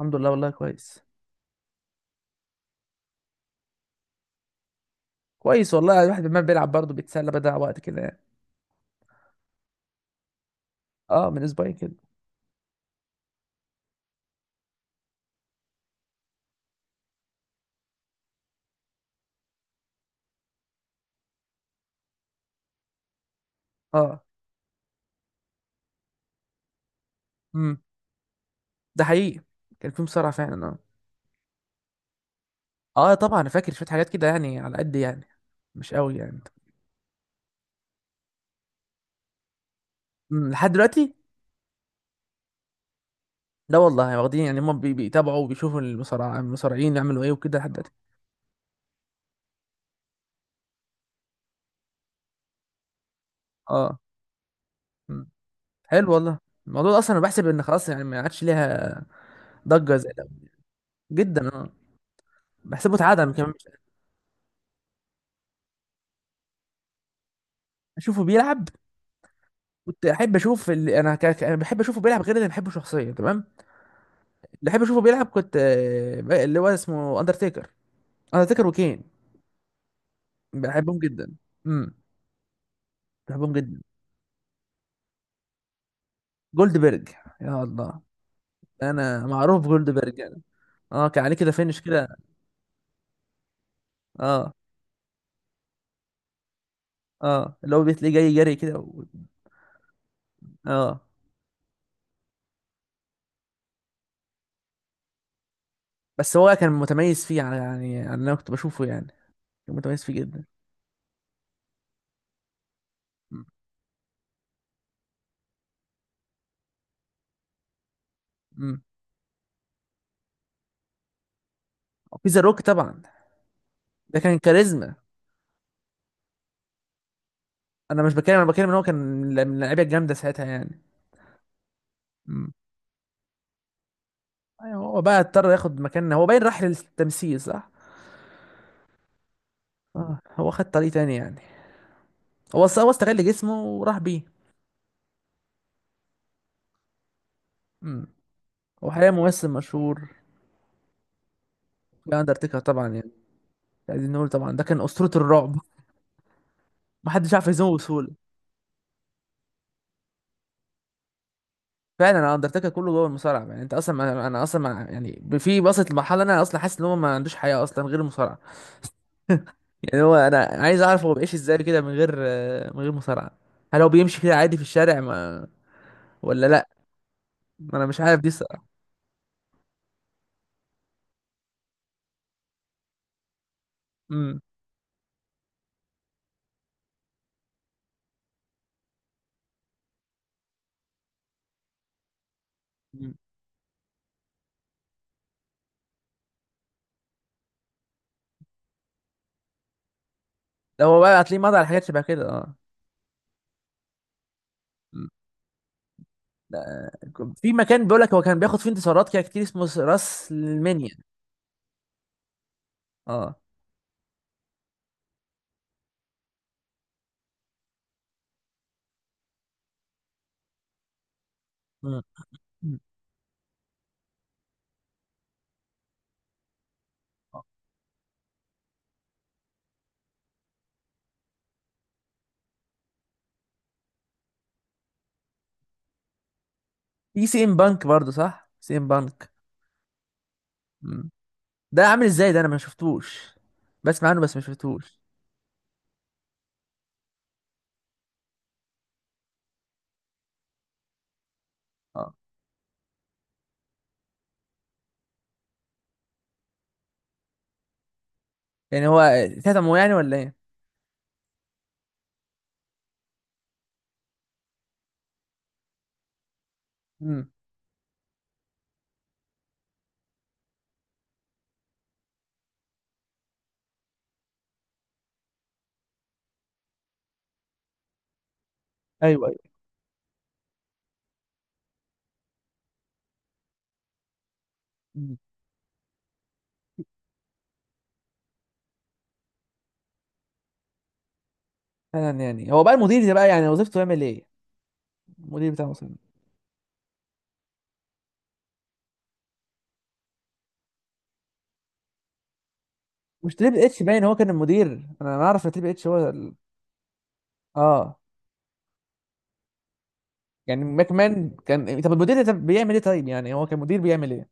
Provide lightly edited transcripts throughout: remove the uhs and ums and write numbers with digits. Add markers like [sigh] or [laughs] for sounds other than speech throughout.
الحمد لله، والله كويس. كويس والله، يعني الواحد ما بيلعب برضه بيتسلى، بدأ وقت كده يعني. اه، من اسبوعين كده. اه. امم. ده حقيقي. كان في مصارعة فعلا، اه. اه طبعا، انا فاكر شوية حاجات كده يعني، على قد يعني. مش قوي يعني. امم، لحد دلوقتي. لا والله، واخدين يعني، هم بيتابعوا وبيشوفوا المصارعين يعملوا ايه وكده لحد دلوقتي. اه. امم. حلو والله. الموضوع ده اصلا انا بحسب ان خلاص يعني، ما عادش ليها ضجة زي الاول. جدا اه. بحسبه اتعدم كمان اشوفه بيلعب. كنت احب اشوف اللي انا بحب اشوفه بيلعب غير اللي بحبه شخصيا، تمام. بحب اشوفه بيلعب كنت اللي هو اسمه اندرتيكر. اندرتيكر وكين. بحبهم جدا. امم. بحبهم جدا. جولد بيرج. يا الله. انا معروف جولد بيرج انا. اه، كان عليه كده فينش كده. اه. اه، اللي هو بتلاقيه جاي جري كده اه. بس هو كان متميز فيه على، يعني، على اللي انا كنت بشوفه يعني. كان متميز فيه جدا. امم. في ذا روك طبعا. ده كان كاريزما. انا مش بتكلم، انا بتكلم ان هو كان من اللعيبه الجامده ساعتها يعني. امم. ايوه، هو بقى اضطر ياخد مكان، هو باين راح للتمثيل صح. اه، هو خد طريق تاني يعني. هو استغل جسمه وراح بيه. امم. هو حاليا ممثل مشهور. في اندرتيكر طبعا يعني، عايزين نقول طبعا ده كان اسطورة الرعب. محدش عارف يهزمه بسهولة. فعلا، انا اندرتيكر كله جوه المصارعة يعني، انت اصلا انا اصلا يعني في، وصلت لمرحلة انا اصلا حاسس ان هو ما عندوش حياة اصلا غير المصارعة. [laughs] يعني هو، انا عايز اعرف هو بيعيش ازاي كده من غير من غير مصارعة. هل هو بيمشي كده عادي في الشارع ما ولا لا؟ ما انا مش عارف دي الصراحة. امم. أمم. لو هو بقى هتلاقيه مضى على حاجات شبه كده، اه. أمم. في مكان بيقول لك هو كان بياخد فيه انتصارات كده كتير، اسمه راس المنيا. اه. مم. مم. في سي ام بانك برضه، صح، سي ام بانك. مم. ده عامل ازاي ده؟ انا ما شفتوش. بسمع عنه بس ما شفتوش. اه. يعني هو كتمه يعني ولا ايه؟ امم. ايوه، ايوه. مم. فعلا يعني، هو بقى المدير ده بقى يعني وظيفته يعمل ايه؟ المدير بتاع مصر. مش تريبل اتش باين هو كان المدير؟ انا اعرف ان تريبل اتش هو اه. يعني ماكمان كان، طب المدير ده بيعمل ايه؟ طيب يعني هو كان مدير بيعمل ايه؟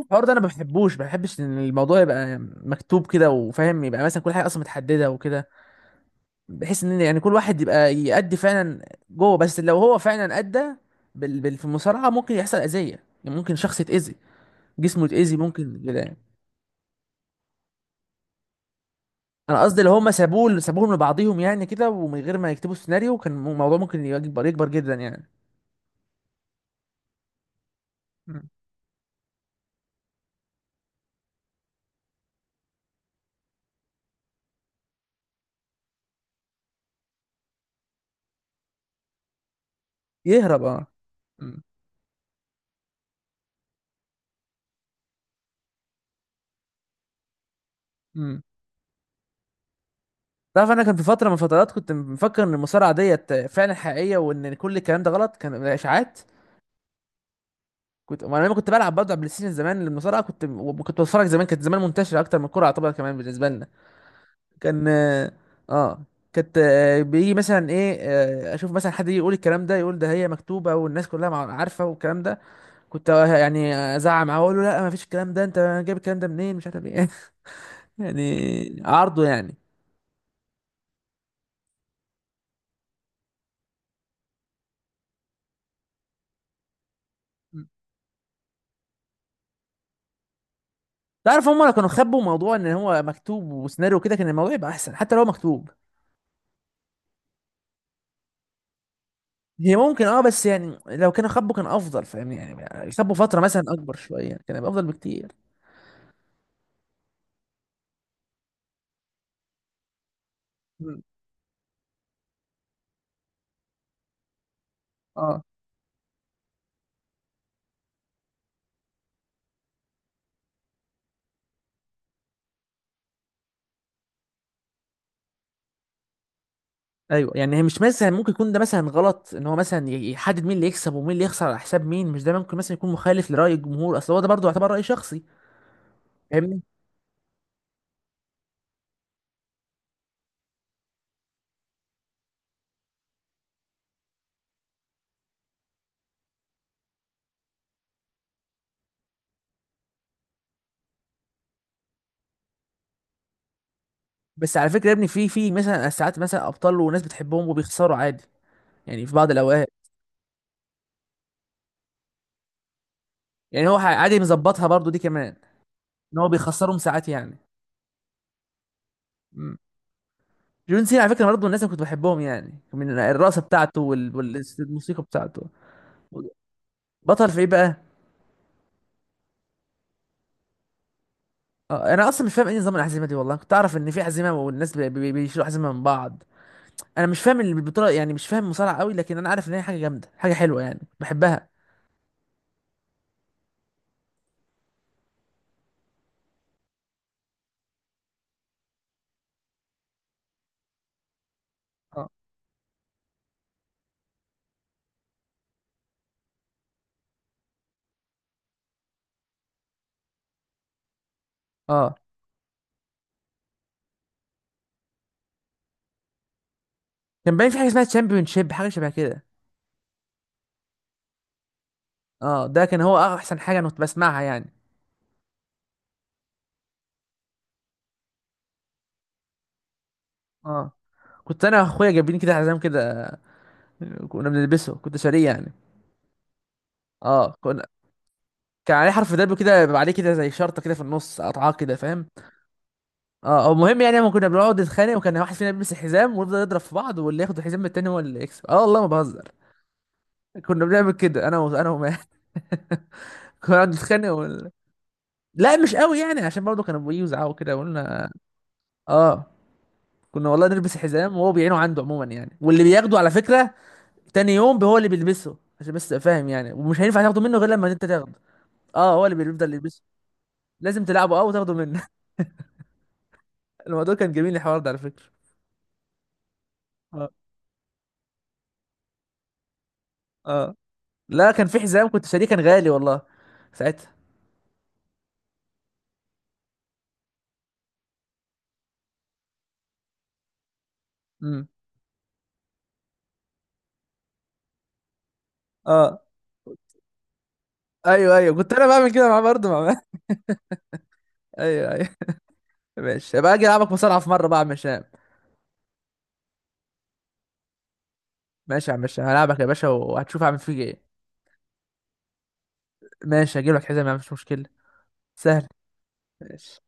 الحوار ده انا ما بحبش ان الموضوع يبقى مكتوب كده، وفاهم يبقى مثلا كل حاجه اصلا متحدده وكده. بحيث ان يعني كل واحد يبقى يأدي فعلا جوه، بس لو هو فعلا أدى في المصارعه ممكن يحصل اذيه، يعني ممكن شخص يتأذي. جسمه يتأذي ممكن كده يعني. انا قصدي، لو هم سابوهم لبعضهم يعني كده ومن غير ما يكتبوا السيناريو، كان الموضوع ممكن يكبر يكبر جدا يعني. مم. يهرب اه. مم. مم. تعرف، انا كان في فتره من فترات كنت مفكر ان المصارعه ديت فعلا حقيقيه، وان كل الكلام ده غلط، كان اشاعات. كنت، ما انا لما كنت بلعب برضه على بلاي ستيشن زمان المصارعه كنت، كنت بتفرج زمان، كانت زمان منتشره اكتر من الكوره، يعتبر كمان بالنسبه لنا. كان. اه. كانت بيجي مثلا ايه اشوف مثلا حد يجي يقول الكلام ده، يقول ده هي مكتوبه والناس كلها عارفه والكلام ده. كنت يعني ازعق معاه واقول له لا، ما فيش الكلام ده، انت جايب الكلام ده منين؟ مش عارف ايه. [laughs] يعني عرضه يعني. تعرف، هم لو كانوا خبوا موضوع ان هو مكتوب وسيناريو كده كان الموضوع يبقى احسن، حتى لو مكتوب. هي ممكن، اه، بس يعني لو كان خبه كان افضل، فاهمني يعني، خبه فتره مثلا اكبر شويه يعني كان هيبقى افضل بكتير. مم. اه. ايوه، يعني هي مش مثلا ممكن يكون ده مثلا غلط ان هو مثلا يحدد مين اللي يكسب ومين اللي يخسر، على حساب مين؟ مش ده ممكن مثلا يكون مخالف لراي الجمهور، اصل هو ده برضه يعتبر راي شخصي. فاهمني. بس على فكره يا ابني، في مثلا ساعات مثلا ابطال وناس بتحبهم وبيخسروا عادي. يعني في بعض الاوقات. يعني هو عادي، مظبطها برضه دي كمان. ان هو بيخسرهم ساعات يعني. جون سينا على فكره، برضه الناس اللي كنت بحبهم يعني، من الرقصه بتاعته والموسيقى بتاعته. بطل في ايه بقى؟ انا اصلا مش فاهم ايه نظام العزيمه دي، والله كنت اعرف ان في عزيمه والناس بيشيلوا عزيمه من بعض. انا مش فاهم البطوله يعني، مش فاهم مصارعه قوي، لكن انا عارف ان هي حاجه جامده، حاجه حلوه، يعني بحبها. اه. اه. كان باين في حاجه اسمها تشامبيون شيب، حاجه شبه كده. اه، ده كان هو احسن حاجه انا كنت بسمعها يعني. اه. كنت انا واخويا جايبين كده حزام كده. كنا بنلبسه، كنت شاريه يعني. اه كنا. كان عليه حرف دب كده، بيبقى عليه كده زي شرطه كده في النص قطعاه كده، فاهم؟ اه، او المهم يعني، لما كنا بنقعد نتخانق وكان واحد فينا بيلبس الحزام ويفضل يضرب في بعض، واللي ياخد الحزام من التاني هو اللي يكسب، اه والله ما بهزر. كنا بنعمل كده، انا و... انا وما [laughs] كنا نقعد نتخانق لا، مش قوي يعني، عشان برضه كانوا بيجوا يزعقوا كده وقلنا. اه. كنا والله نلبس حزام وهو بيعينه عنده عموما يعني، واللي بياخده على فكره تاني يوم هو اللي بيلبسه، عشان بس تبقى فاهم يعني، ومش هينفع تاخده منه غير لما انت تاخده. اه، هو اللي بيفضل يلبسه. لازم تلعبه اه وتاخده منه. [laughs] الموضوع كان جميل الحوار ده على فكره. اه. اه. لا، كان في حزام كنت شاريه، كان غالي والله ساعتها. امم. اه. ايوه، ايوه، كنت انا بعمل كده معاه برضه مع. [laughs] ايوه، ايوه. ماشي، يبقى اجي العبك مصارعه في مره بقى يا عم هشام. ماشي يا عم هشام، هلعبك يا باشا وهتشوف اعمل فيك ايه. ماشي، هجيب لك حزام يا عم، مش مشكله. سهل. ماشي.